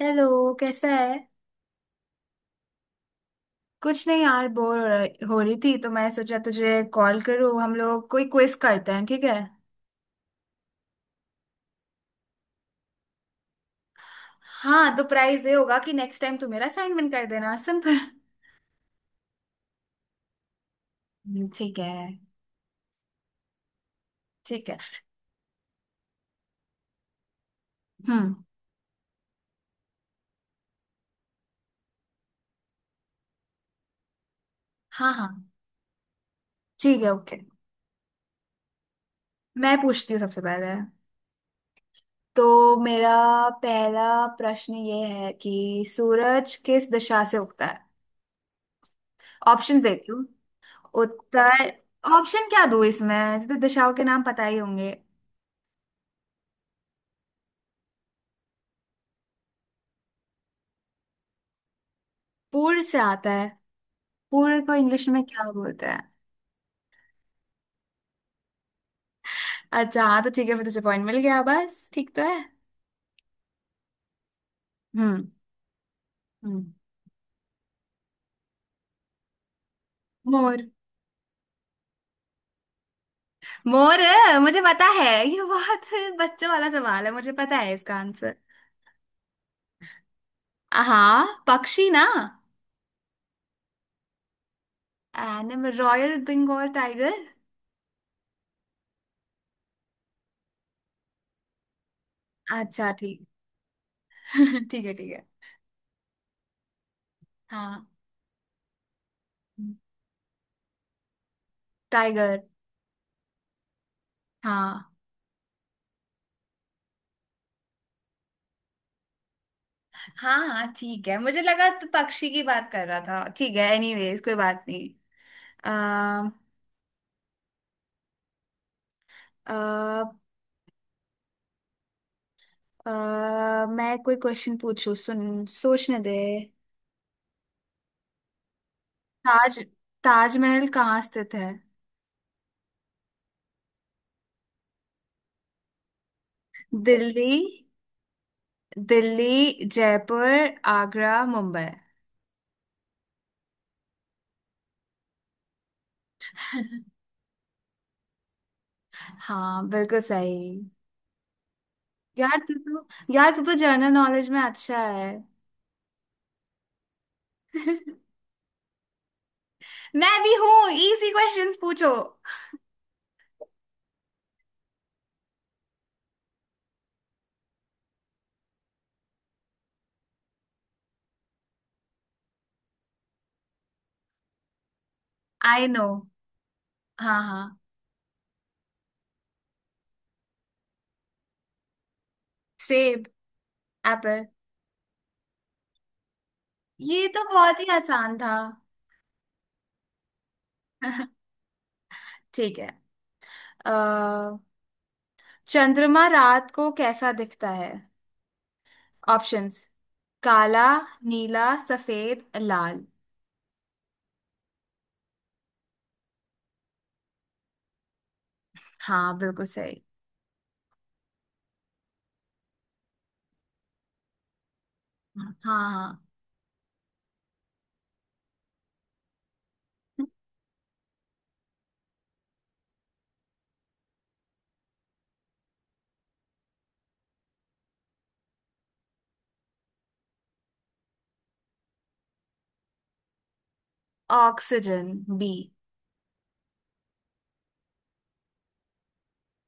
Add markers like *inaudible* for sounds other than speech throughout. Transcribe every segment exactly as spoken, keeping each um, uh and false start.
Hello. कैसा है? कुछ नहीं यार, बोर हो रही हो रही थी, तो मैं सोचा तुझे कॉल करूँ। हम लोग कोई क्विज करते हैं, ठीक है? हाँ, तो प्राइज ये होगा कि नेक्स्ट टाइम तू मेरा असाइनमेंट कर देना, सिंपल। हम्म, ठीक है। ठीक है। हम्म। हाँ हाँ, ठीक है, ओके। मैं पूछती हूँ सबसे पहले। तो मेरा पहला प्रश्न ये है कि सूरज किस दिशा से उगता है? ऑप्शन देती हूँ। उत्तर। ऑप्शन क्या दूँ इसमें, ऐसे तो दिशाओं के नाम पता ही होंगे। पूर्व से आता है। पूरे को इंग्लिश में क्या बोलते हैं? अच्छा, हाँ तो ठीक है फिर, तुझे पॉइंट मिल गया। बस ठीक तो है। हम्म। हम्म। मोर। मोर, मुझे पता है ये बहुत बच्चों वाला सवाल है, मुझे पता है इसका आंसर। हाँ, पक्षी ना? Animal royal Bengal tiger. अच्छा, ठीक। *laughs* ठीक है, ठीक है। हाँ। टाइगर। हाँ। हाँ हाँ, ठीक है, मुझे लगा तू पक्षी की बात कर रहा था। ठीक है, एनीवेज कोई बात नहीं। अ, अह मैं कोई क्वेश्चन पूछू, सुन, सोचने दे। ताज ताजमहल कहाँ स्थित है? दिल्ली दिल्ली, जयपुर, आगरा, मुंबई। *laughs* हाँ, बिल्कुल सही। यार तू तो यार तू तो जनरल नॉलेज में अच्छा है। *laughs* मैं भी हूँ, इजी क्वेश्चंस पूछो। I know. हाँ हाँ। सेब। एप्पल। ये तो बहुत ही आसान था। *laughs* ठीक है। अह चंद्रमा रात को कैसा दिखता है? ऑप्शंस: काला, नीला, सफेद, लाल। हाँ, बिल्कुल सही। हाँ हाँ हाँ। Oxygen, B.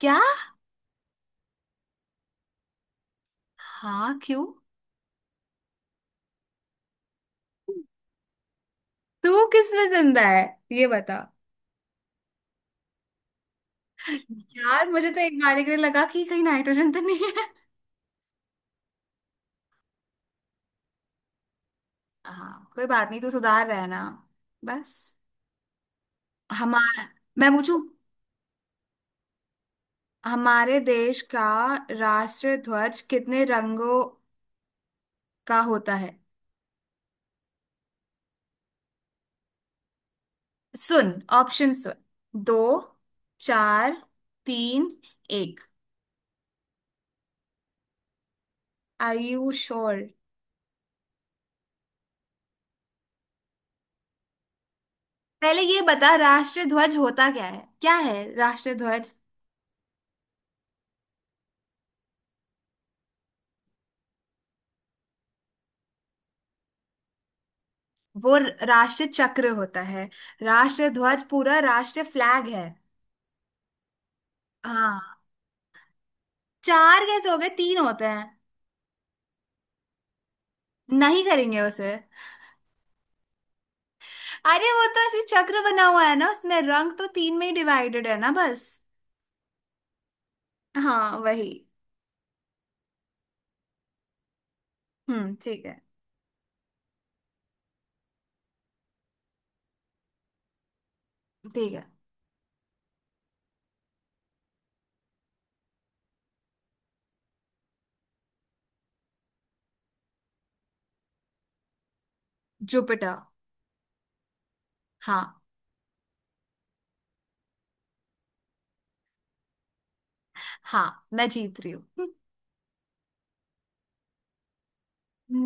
क्या? हाँ, क्यों? तू किस में जिंदा है, ये बता। यार, मुझे तो एक बार के लिए लगा कि कहीं नाइट्रोजन तो नहीं है। हाँ, कोई बात नहीं, तू सुधार रहा है ना, बस। हमारा मैं पूछू। हमारे देश का राष्ट्र ध्वज कितने रंगों का होता है? सुन ऑप्शन सुन। दो, चार, तीन, एक। Are you sure? पहले ये बता राष्ट्रीय ध्वज होता क्या है, क्या है राष्ट्रीय ध्वज। वो राष्ट्रीय चक्र होता है, राष्ट्रीय ध्वज पूरा राष्ट्रीय फ्लैग है। हाँ। चार कैसे हो गए, तीन होते हैं। नहीं करेंगे उसे। अरे वो तो ऐसे चक्र बना हुआ है ना, उसमें रंग तो तीन में ही डिवाइडेड है ना बस। हाँ, वही। हम्म, ठीक है। ठीक है। जुपिटर। हाँ। हाँ, मैं जीत रही हूँ।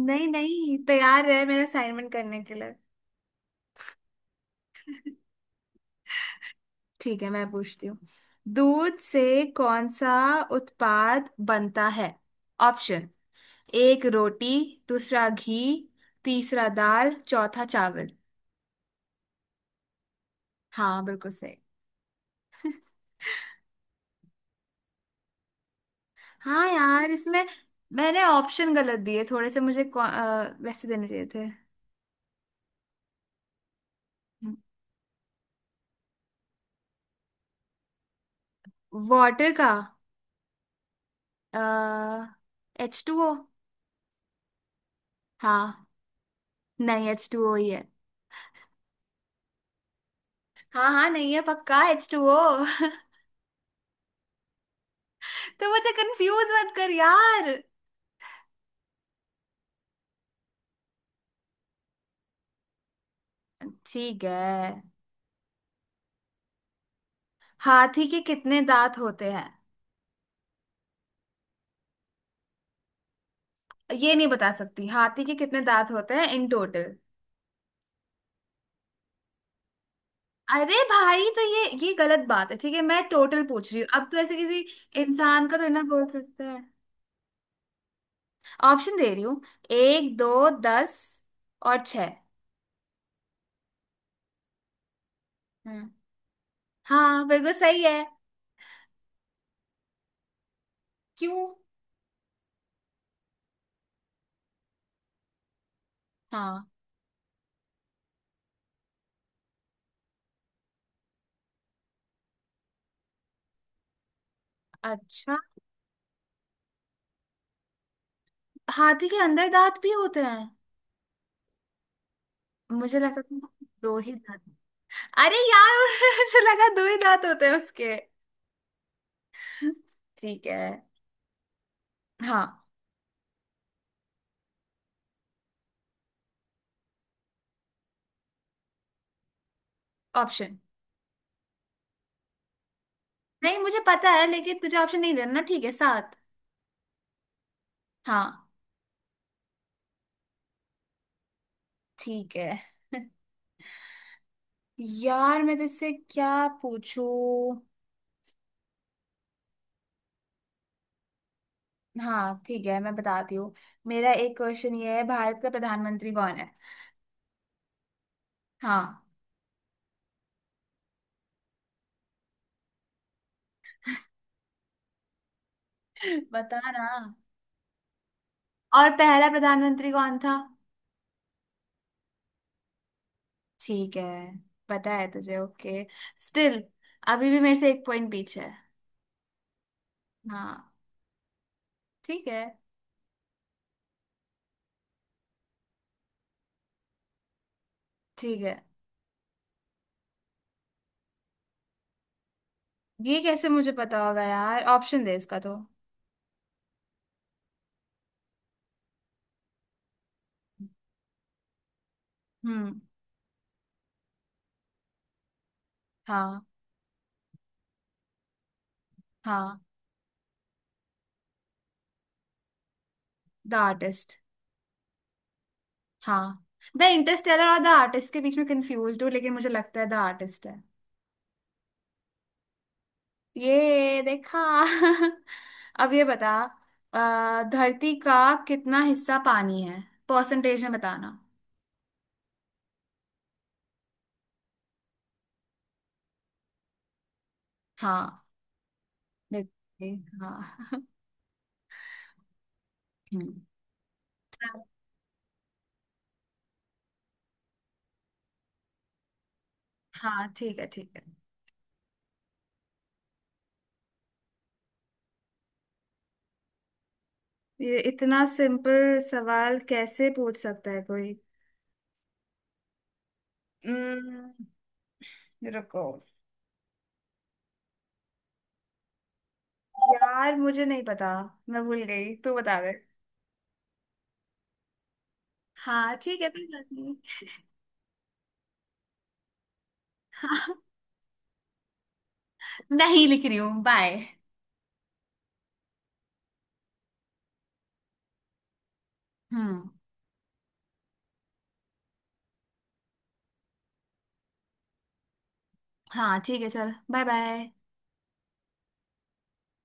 नहीं नहीं, तैयार रहे मेरा असाइनमेंट करने के लिए। *laughs* ठीक है, मैं पूछती हूँ। दूध से कौन सा उत्पाद बनता है? ऑप्शन: एक रोटी, दूसरा घी, तीसरा दाल, चौथा चावल। हाँ, बिल्कुल सही। हाँ यार, इसमें मैंने ऑप्शन गलत दिए थोड़े से, मुझे कौ- अ, वैसे देने चाहिए थे। वाटर का? H two O. हाँ। नहीं, एच टू ओ ही है। हाँ हाँ, नहीं है, पक्का एच टू ओ। *laughs* तो मुझे कंफ्यूज मत कर यार। ठीक है। हाथी के कितने दांत होते हैं? ये नहीं बता सकती हाथी के कितने दांत होते हैं इन टोटल? अरे भाई, तो ये ये गलत बात है, ठीक है मैं टोटल पूछ रही हूँ, अब तो ऐसे किसी इंसान का तो ना बोल सकते हैं। ऑप्शन दे रही हूँ। एक, दो, दस और छह। हाँ। हाँ, बिल्कुल सही है। क्यों? हाँ। अच्छा, हाथी के अंदर दांत भी होते हैं? मुझे लगता था दो ही दांत। अरे यार, *laughs* मुझे लगा दो ही दांत होते हैं उसके। ठीक है। हाँ। ऑप्शन नहीं, मुझे पता है लेकिन तुझे ऑप्शन नहीं देना ना, ठीक है, सात। हाँ। ठीक है यार, मैं तुझसे क्या पूछूं। हाँ ठीक है, मैं बताती हूँ। मेरा एक क्वेश्चन ये है, भारत का प्रधानमंत्री कौन है? हाँ। *laughs* बता ना। और पहला प्रधानमंत्री कौन था? ठीक है, पता है तुझे, ओके। स्टिल अभी भी मेरे से एक पॉइंट पीछे है। हाँ, ठीक है, ठीक है। ये कैसे मुझे पता होगा यार, ऑप्शन दे इसका तो। हम्म। हाँ। हाँ। The artist. हाँ, द इंटरस्टेलर और द आर्टिस्ट के बीच में कंफ्यूज हूँ, लेकिन मुझे लगता है द आर्टिस्ट है। ये देखा। *laughs* अब ये बता। अ, धरती का कितना हिस्सा पानी है, परसेंटेज में बताना। हाँ। देखिए। हाँ। *laughs* हम्म। चल, हाँ ठीक है, ठीक है। ये इतना सिंपल सवाल कैसे पूछ सकता है कोई। हम्म, रुको। यार मुझे नहीं पता, मैं भूल गई, तू बता दे। हाँ ठीक है, कोई बात नहीं। नहीं लिख रही हूँ, बाय। हम्म। हाँ ठीक है, चल, बाय बाय।